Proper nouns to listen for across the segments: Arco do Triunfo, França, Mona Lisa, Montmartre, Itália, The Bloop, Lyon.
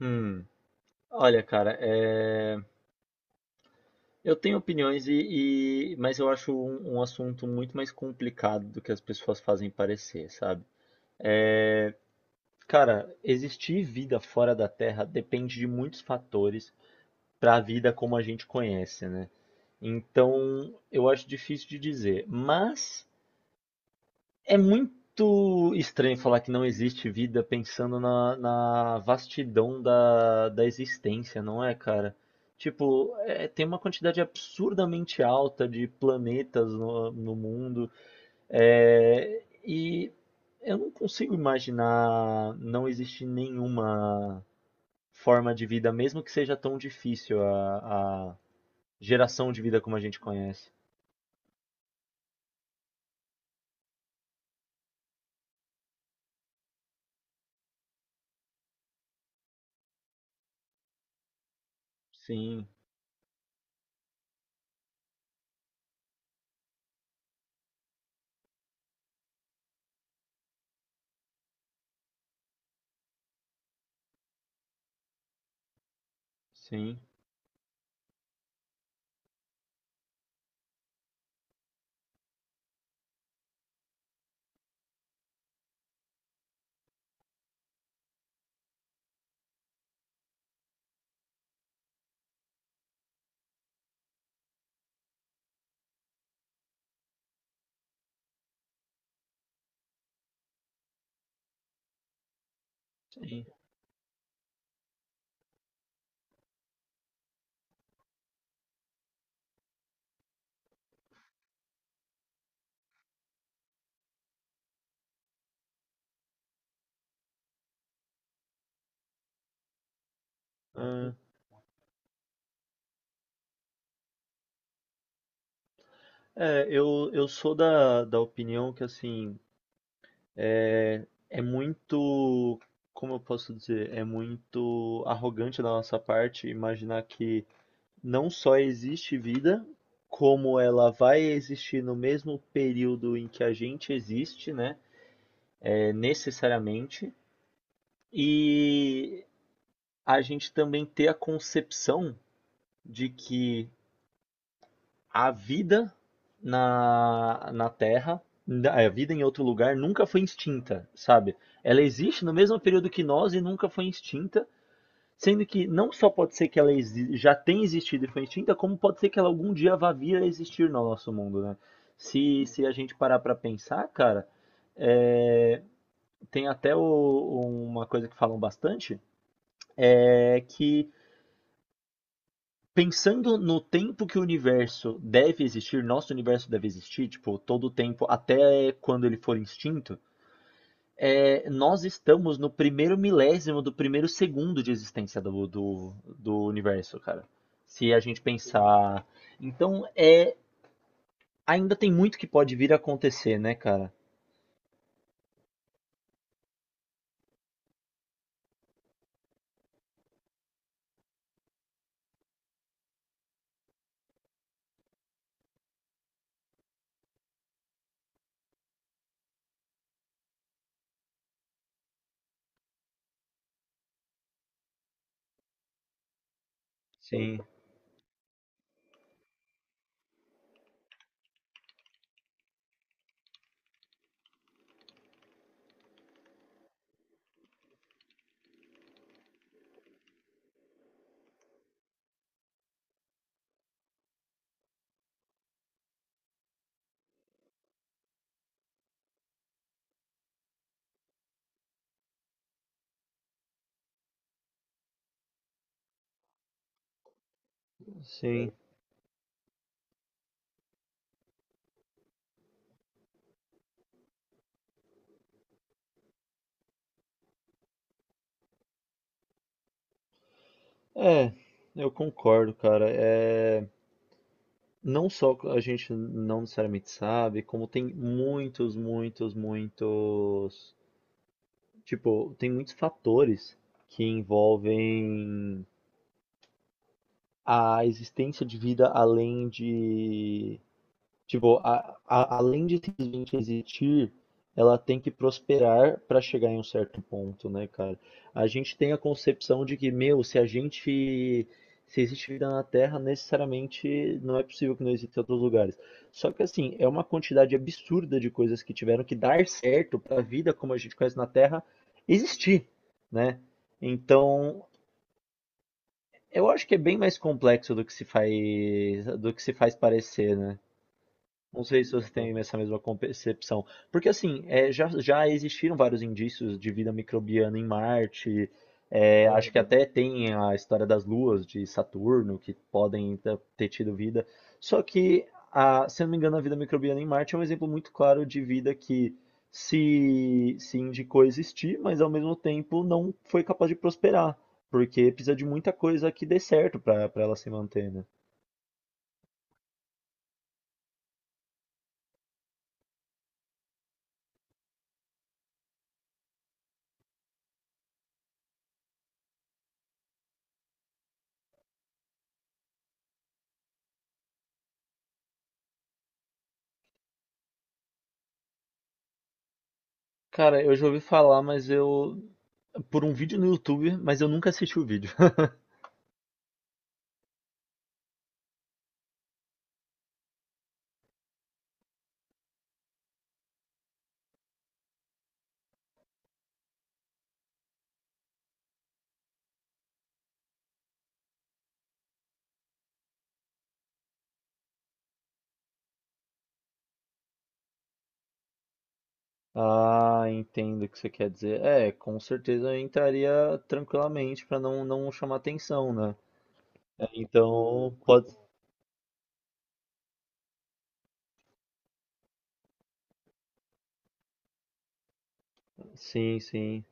Hum, olha, cara, eu tenho opiniões mas eu acho um assunto muito mais complicado do que as pessoas fazem parecer, sabe? Cara, existir vida fora da Terra depende de muitos fatores para a vida como a gente conhece, né? Então, eu acho difícil de dizer, mas é muito estranho falar que não existe vida pensando na vastidão da existência, não é, cara? Tipo, tem uma quantidade absurdamente alta de planetas no mundo, é, e eu não consigo imaginar não existir nenhuma forma de vida, mesmo que seja tão difícil a geração de vida como a gente conhece. Sim, sim, sim. Eu sou da opinião que, assim, é muito, como eu posso dizer, é muito arrogante da nossa parte imaginar que não só existe vida, como ela vai existir no mesmo período em que a gente existe, né? É, necessariamente. E a gente também ter a concepção de que a vida na Terra, a vida em outro lugar, nunca foi extinta, sabe? Ela existe no mesmo período que nós e nunca foi extinta, sendo que não só pode ser que ela já tenha existido e foi extinta, como pode ser que ela algum dia vá vir a existir no nosso mundo, né? Se a gente parar pra pensar, cara, é, tem até uma coisa que falam bastante, é que pensando no tempo que o universo deve existir, nosso universo deve existir, tipo, todo o tempo, até quando ele for extinto, nós estamos no primeiro milésimo do primeiro segundo de existência do universo, cara. Se a gente pensar. Então, é, ainda tem muito que pode vir a acontecer, né, cara? Sim, sim. É, eu concordo, cara. É. Não só a gente não necessariamente sabe, como tem muitos, muitos, muitos. Tipo, tem muitos fatores que envolvem a existência de vida além de tipo, além de simplesmente existir, ela tem que prosperar para chegar em um certo ponto, né, cara? A gente tem a concepção de que, meu, se a gente. Se existe vida na Terra, necessariamente não é possível que não exista em outros lugares. Só que, assim, é uma quantidade absurda de coisas que tiveram que dar certo para a vida como a gente conhece na Terra existir, né? Então, eu acho que é bem mais complexo do que se faz, do que se faz parecer, né? Não sei se você tem essa mesma concepção. Porque, assim, já existiram vários indícios de vida microbiana em Marte. É, acho que até tem a história das luas de Saturno, que ter tido vida. Só que, se eu não me engano, a vida microbiana em Marte é um exemplo muito claro de vida que se indicou existir, mas ao mesmo tempo não foi capaz de prosperar. Porque precisa de muita coisa que dê certo para ela se manter, né? Cara, eu já ouvi falar, mas eu por um vídeo no YouTube, mas eu nunca assisti o vídeo. Ah, entendo o que você quer dizer. É, com certeza eu entraria tranquilamente pra não chamar atenção, né? É, então, pode. Sim, sim,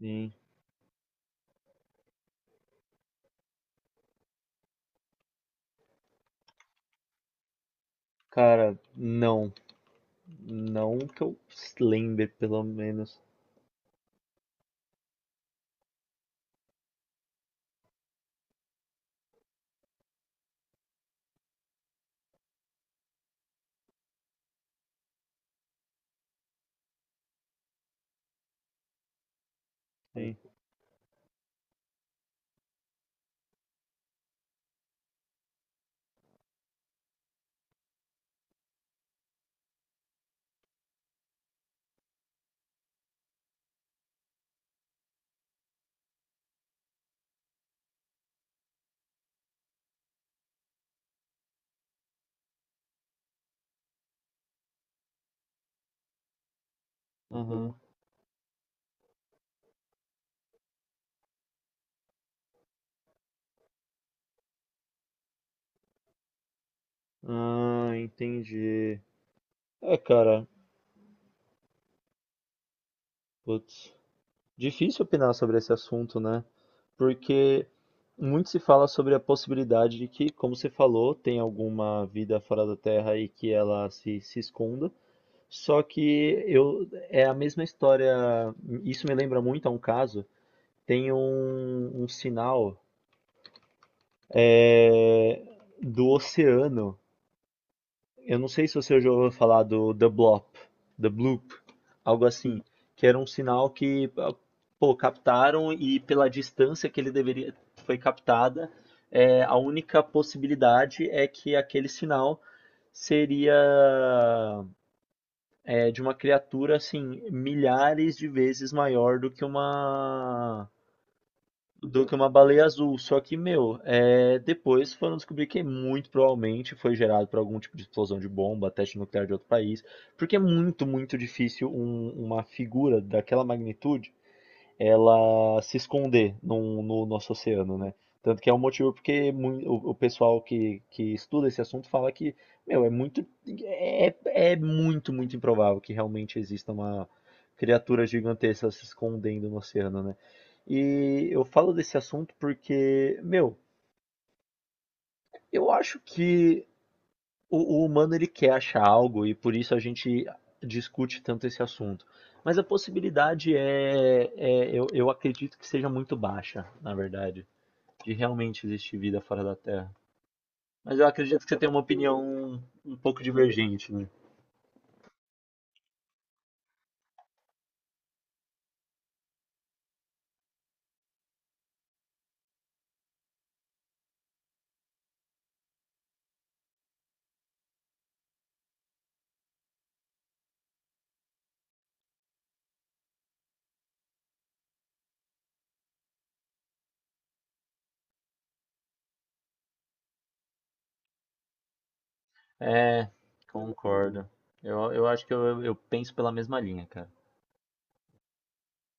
sim. Cara, não. Não que eu lembre, pelo menos. Sim. Aham. Ah, entendi. É, cara, putz. Difícil opinar sobre esse assunto, né? Porque muito se fala sobre a possibilidade de que, como você falou, tem alguma vida fora da Terra e que ela se esconda. Só que eu é a mesma história. Isso me lembra muito a um caso. Tem um sinal é, do oceano. Eu não sei se você já ouviu falar do The Bloop, The Bloop, algo assim, que era um sinal que, ah, pô, captaram e pela distância que ele deveria foi captada, é, a única possibilidade é que aquele sinal seria é, de uma criatura assim milhares de vezes maior do que uma baleia azul. Só que, meu, é, depois foram descobrir que muito provavelmente foi gerado por algum tipo de explosão de bomba, teste nuclear de outro país, porque é muito, muito difícil uma figura daquela magnitude ela se esconder no nosso oceano, né? Tanto que é um motivo porque o pessoal que estuda esse assunto fala que, meu, é muito, é muito, muito improvável que realmente exista uma criatura gigantesca se escondendo no oceano, né? E eu falo desse assunto porque, meu, eu acho que o humano ele quer achar algo e por isso a gente discute tanto esse assunto. Mas a possibilidade eu acredito que seja muito baixa, na verdade, de realmente existir vida fora da Terra. Mas eu acredito que você tem uma opinião um pouco divergente, né? É, concordo. Eu acho que eu penso pela mesma linha, cara.